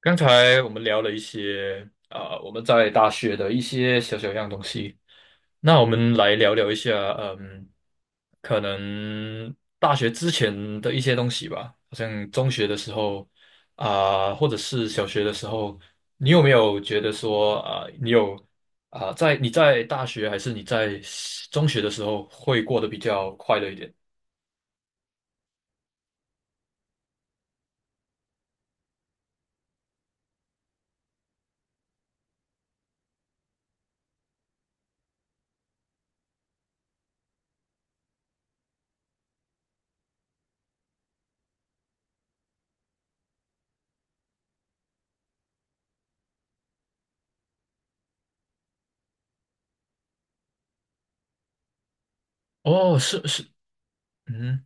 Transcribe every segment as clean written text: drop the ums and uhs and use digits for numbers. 刚才我们聊了一些我们在大学的一些小小样东西。那我们来聊聊一下，嗯，可能大学之前的一些东西吧。好像中学的时候或者是小学的时候，你有没有觉得说啊、你有啊、你在大学还是你在中学的时候会过得比较快乐一点？哦，是是，嗯。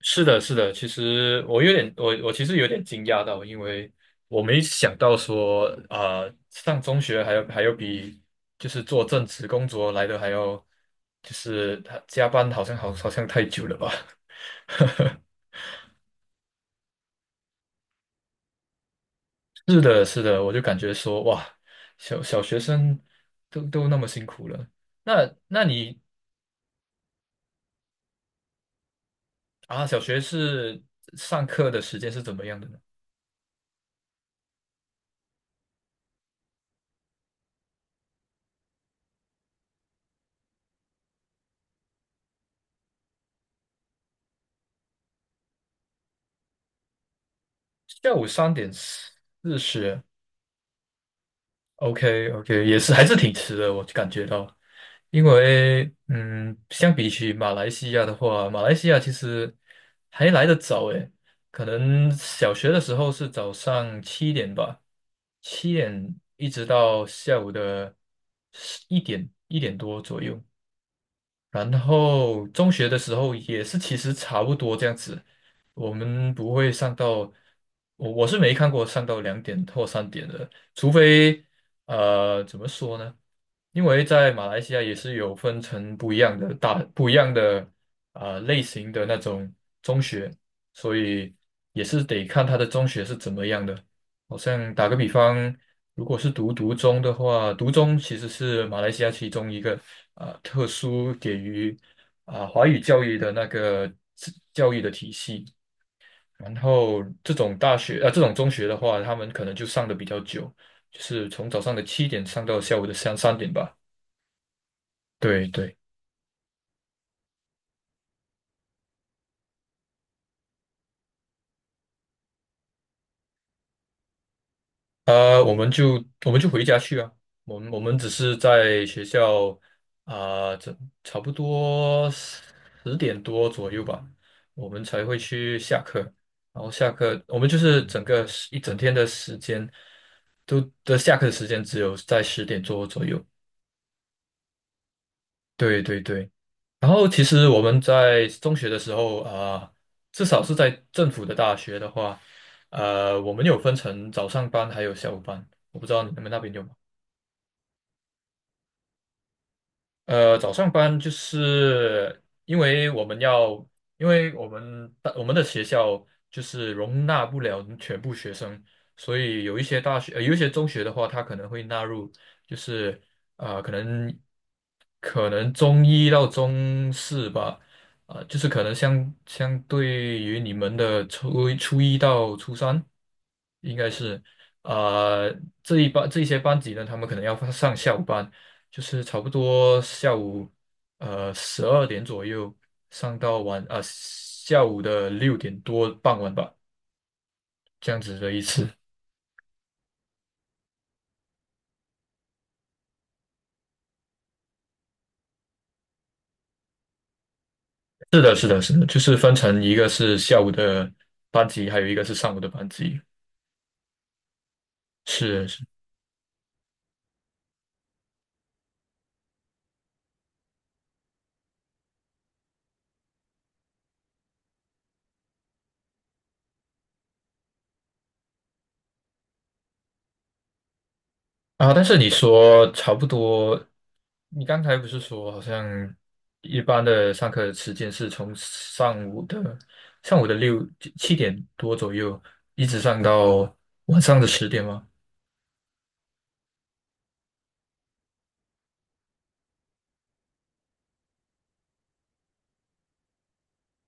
是的，是的，其实我其实有点惊讶到，因为我没想到说，上中学还有比就是做正职工作来的还要，就是他加班好像好像太久了吧？是的，是的，我就感觉说，哇，小学生都那么辛苦了。那那你啊，小学是上课的时间是怎么样的呢？下午3:40，OK OK,也是还是挺迟的，我感觉到。因为相比起马来西亚的话，马来西亚其实还来得早诶，可能小学的时候是早上七点吧，七点一直到下午的一点多左右。然后中学的时候也是，其实差不多这样子。我们不会上到，我是没看过上到2点或3点的，除非怎么说呢？因为在马来西亚也是有分成不一样的不一样的类型的那种中学，所以也是得看他的中学是怎么样的。好像打个比方，如果是读中的话，读中其实是马来西亚其中一个特殊给予华语教育的那个自教育的体系。然后这种大学这种中学的话，他们可能就上的比较久，就是从早上的七点上到下午的三点吧。对对。我们就回家去啊。我们只是在学校啊，这、差不多十点多左右吧，我们才会去下课。然后下课，我们就是整个时一整天的时间都的下课的时间只有在十点多左右。对对对。然后其实我们在中学的时候至少是在政府的大学的话，我们有分成早上班还有下午班。我不知道你们那边有吗？早上班就是因为我们要，因为我们的学校就是容纳不了全部学生，所以有一些大学，有一些中学的话，它可能会纳入，就是啊，可能可能中一到中四吧，就是可能相对于你们的初一到初三，应该是。呃，这一些班级呢，他们可能要上下午班，就是差不多下午12点左右上到下午的6点多傍晚吧，这样子的意思。是的，是的，是的，就是分成一个是下午的班级，还有一个是上午的班级。是是啊，但是你说差不多，你刚才不是说好像一般的上课时间是从上午的六七点多左右，一直上到晚上的十点吗？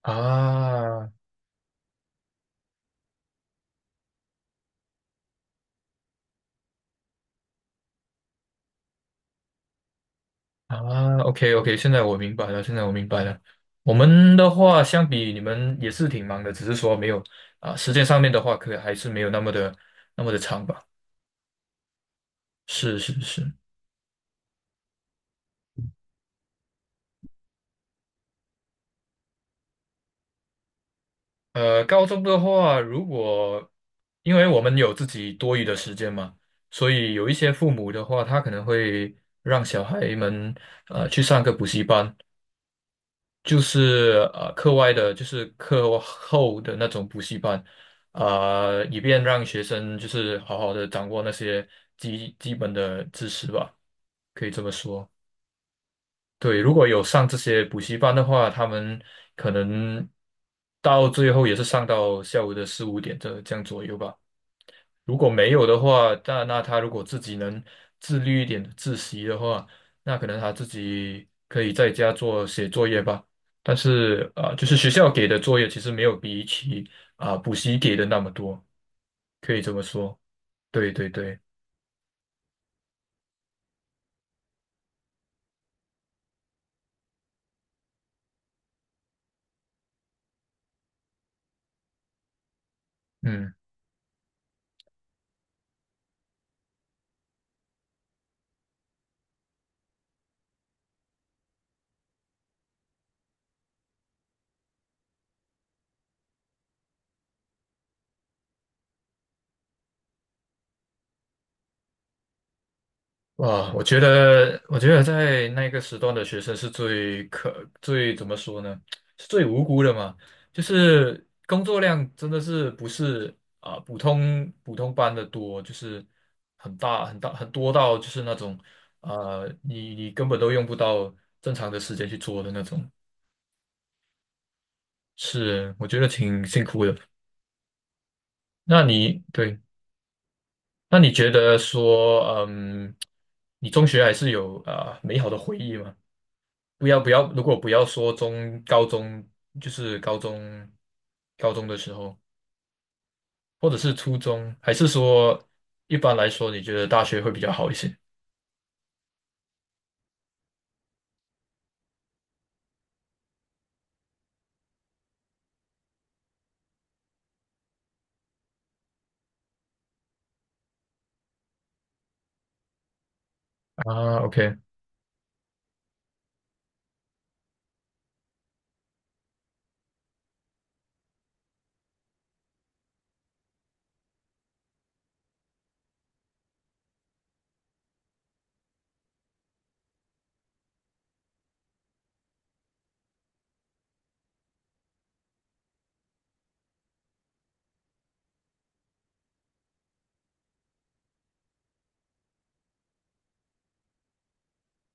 啊，啊，OK OK,现在我明白了，现在我明白了。我们的话，相比你们也是挺忙的，只是说没有时间上面的话，可还是没有那么的长吧。是是是，高中的话，如果因为我们有自己多余的时间嘛，所以有一些父母的话，他可能会让小孩们去上个补习班就是课外的，就是课后的那种补习班，以便让学生就是好好的掌握那些基本的知识吧，可以这么说。对，如果有上这些补习班的话，他们可能到最后也是上到下午的4、5点这样左右吧。如果没有的话，那他如果自己能自律一点、自习的话，那可能他自己可以在家写作业吧。但是就是学校给的作业其实没有比起补习给的那么多，可以这么说。对对对，嗯。哇，我觉得，我觉得在那个时段的学生是最怎么说呢？是最无辜的嘛。就是工作量真的是不是普通班的多，就是很大很大很多到就是那种你根本都用不到正常的时间去做的那种。是，我觉得挺辛苦的。那你对，那你觉得说，你中学还是有美好的回忆吗？不要不要，如果不要说高中，就是高中的时候，或者是初中，还是说一般来说，你觉得大学会比较好一些啊？OK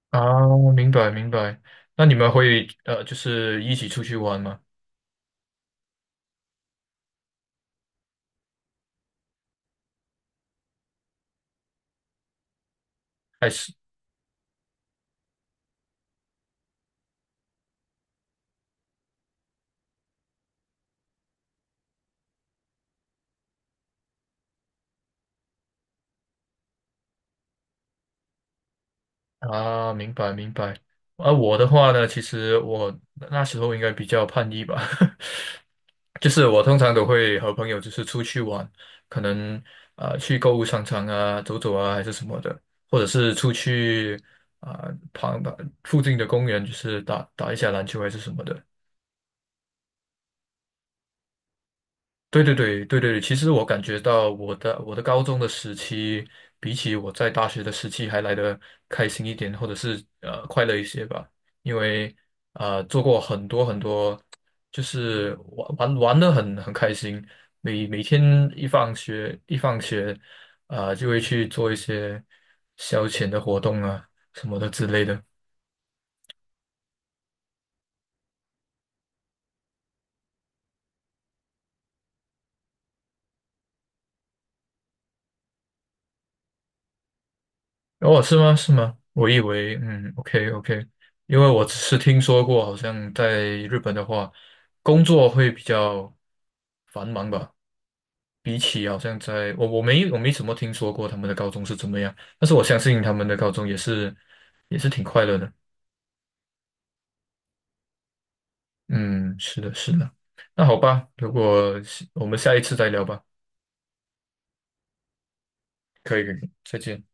啊，明白明白。那你们会就是一起出去玩吗？还是？啊，明白明白。啊，我的话呢，其实我那时候应该比较叛逆吧，就是我通常都会和朋友就是出去玩，可能去购物商场啊走走啊还是什么的，或者是出去啊、旁旁附近的公园就是打打一下篮球还是什么的。对对对对对，其实我感觉到我的高中的时期，比起我在大学的时期还来的开心一点，或者是快乐一些吧。因为做过很多很多，就是玩的很开心，每天一放学，啊就会去做一些消遣的活动啊什么的之类的。哦，是吗？是吗？我以为，嗯，OK OK,因为我只是听说过，好像在日本的话，工作会比较繁忙吧，比起好像在我没怎么听说过他们的高中是怎么样，但是我相信他们的高中也是挺快乐的。嗯，是的，是的。那好吧，如果是我们下一次再聊吧，可以，可以，再见。